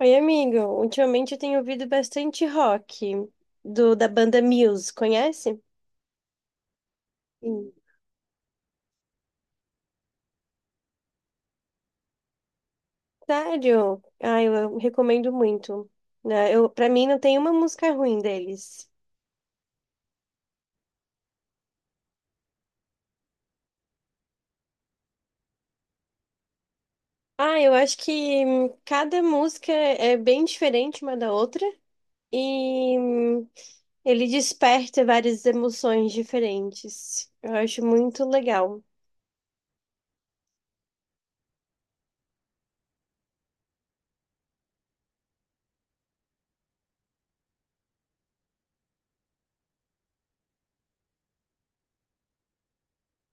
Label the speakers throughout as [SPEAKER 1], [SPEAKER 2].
[SPEAKER 1] Oi, amigo. Ultimamente eu tenho ouvido bastante rock do da banda Muse, conhece? Sim. Sério? Ah, eu recomendo muito. Né, Eu, para mim não tem uma música ruim deles. Ah, eu acho que cada música é bem diferente uma da outra e ele desperta várias emoções diferentes. Eu acho muito legal.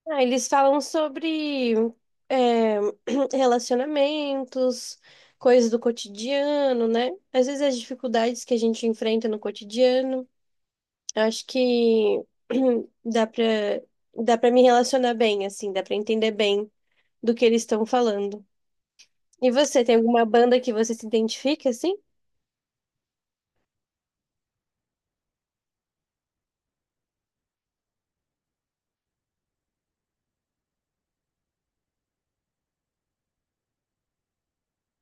[SPEAKER 1] Ah, eles falam sobre é, relacionamentos, coisas do cotidiano, né? Às vezes as dificuldades que a gente enfrenta no cotidiano. Eu acho que dá pra, dá pra me relacionar bem, assim, dá pra entender bem do que eles estão falando. E você, tem alguma banda que você se identifica, assim?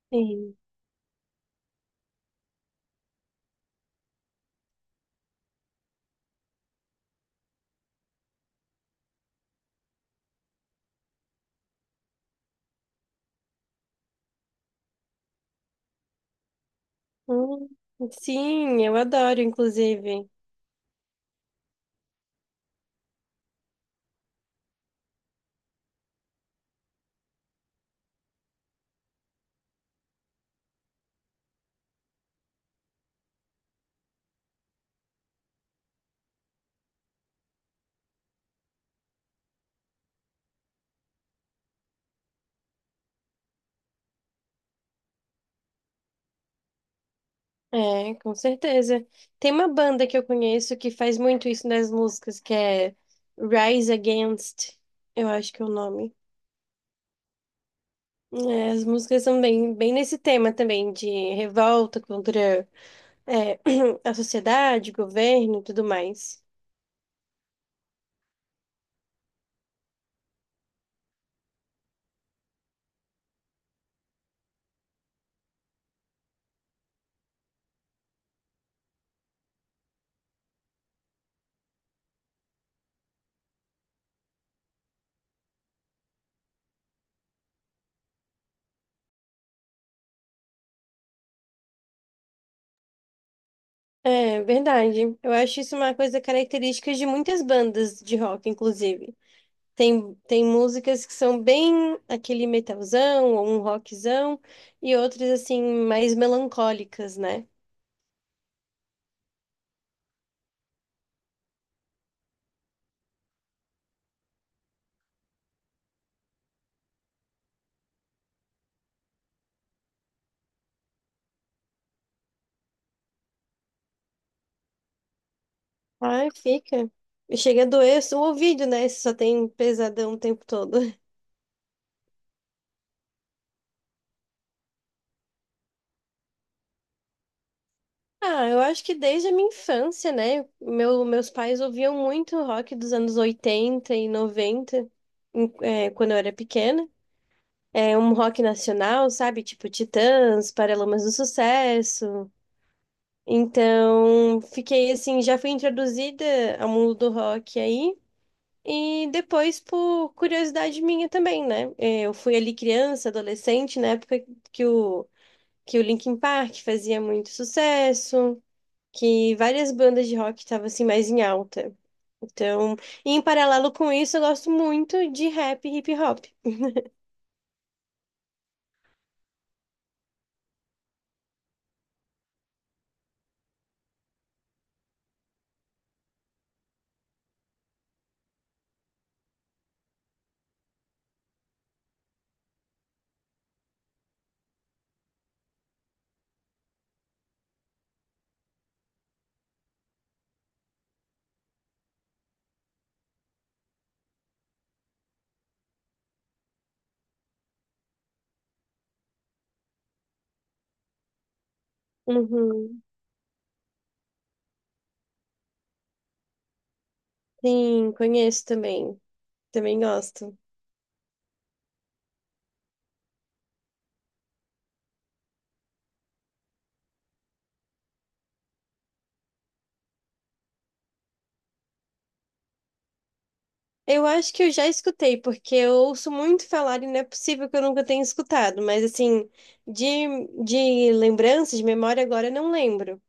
[SPEAKER 1] Sim. Hum, sim, eu adoro, inclusive. É, com certeza. Tem uma banda que eu conheço que faz muito isso nas músicas, que é Rise Against, eu acho que é o nome. É, as músicas são bem, bem nesse tema também, de revolta contra, é, a sociedade, governo e tudo mais. É verdade. Eu acho isso uma coisa característica de muitas bandas de rock, inclusive. Tem, tem músicas que são bem aquele metalzão ou um rockzão, e outras, assim, mais melancólicas, né? Ai, fica. E chega a doer o ouvido, né? Se só tem pesadão o tempo todo. Ah, eu acho que desde a minha infância, né? Meus pais ouviam muito rock dos anos 80 e 90 quando eu era pequena. É um rock nacional, sabe? Tipo Titãs, Paralamas do Sucesso. Então, fiquei assim, já fui introduzida ao mundo do rock aí. E depois, por curiosidade minha também, né? Eu fui ali criança, adolescente, na época que o, que o Linkin Park fazia muito sucesso, que várias bandas de rock estavam assim mais em alta. Então, e em paralelo com isso, eu gosto muito de rap e hip hop. Uhum. Sim, conheço também. Também gosto. Eu acho que eu já escutei, porque eu ouço muito falar e não é possível que eu nunca tenha escutado, mas assim, de lembrança, de memória, agora eu não lembro.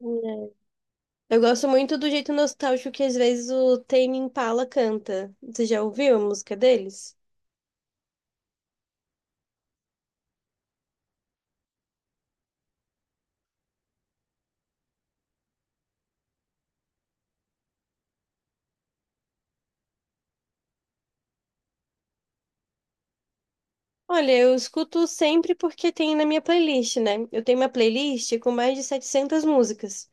[SPEAKER 1] Né. Eu gosto muito do jeito nostálgico que às vezes o Tame Impala canta. Você já ouviu a música deles? Olha, eu escuto sempre porque tem na minha playlist, né? Eu tenho uma playlist com mais de 700 músicas,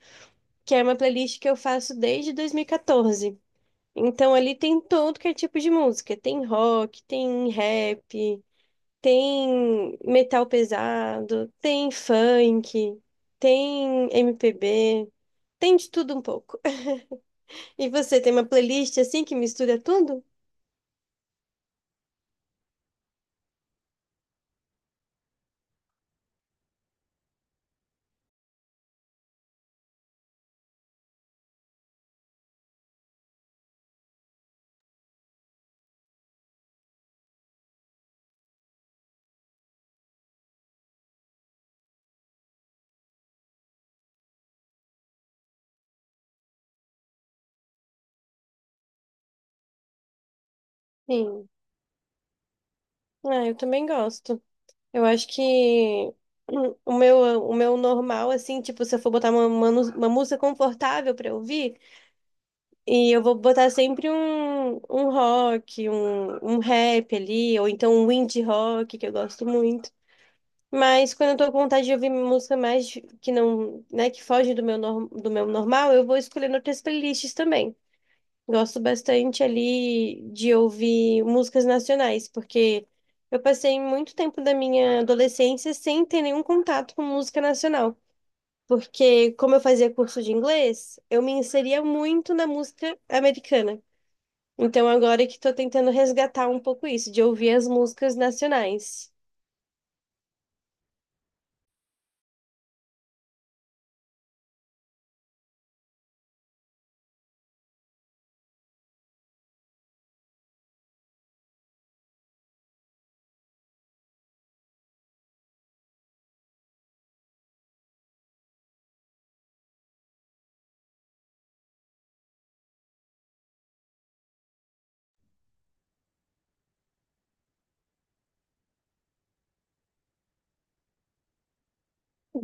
[SPEAKER 1] que é uma playlist que eu faço desde 2014. Então ali tem todo que é tipo de música. Tem rock, tem rap, tem metal pesado, tem funk, tem MPB, tem de tudo um pouco. E você tem uma playlist assim que mistura tudo? Sim. Ah, eu também gosto. Eu acho que o meu normal, assim, tipo, se eu for botar uma música confortável pra ouvir, e eu vou botar sempre um rock, um rap ali, ou então um indie rock, que eu gosto muito. Mas quando eu tô com vontade de ouvir música que não, né, que foge do meu, do meu normal, eu vou escolhendo outras playlists também. Gosto bastante ali de ouvir músicas nacionais, porque eu passei muito tempo da minha adolescência sem ter nenhum contato com música nacional. Porque, como eu fazia curso de inglês, eu me inseria muito na música americana. Então, agora que tô tentando resgatar um pouco isso, de ouvir as músicas nacionais.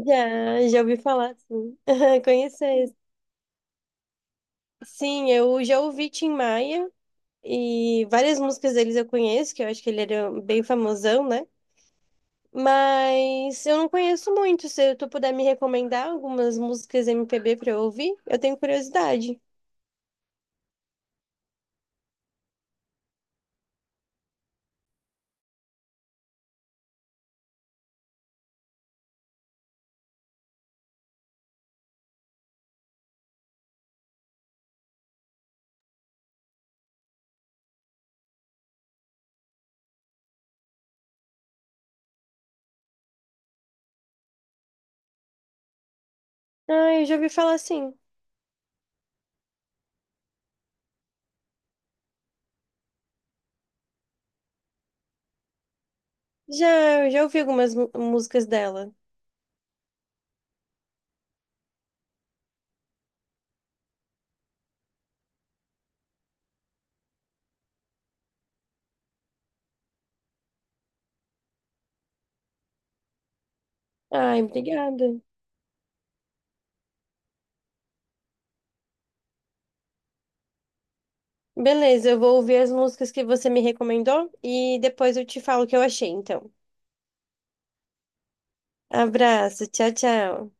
[SPEAKER 1] Já, já ouvi falar, sim. Conhecer. Sim, eu já ouvi Tim Maia e várias músicas deles eu conheço, que eu acho que ele era bem famosão, né? Mas eu não conheço muito. Se tu puder me recomendar algumas músicas MPB pra eu ouvir, eu tenho curiosidade. Ah, eu já ouvi falar sim. Já, eu já ouvi algumas músicas dela. Ai, obrigada. Beleza, eu vou ouvir as músicas que você me recomendou e depois eu te falo o que eu achei, então. Abraço, tchau, tchau.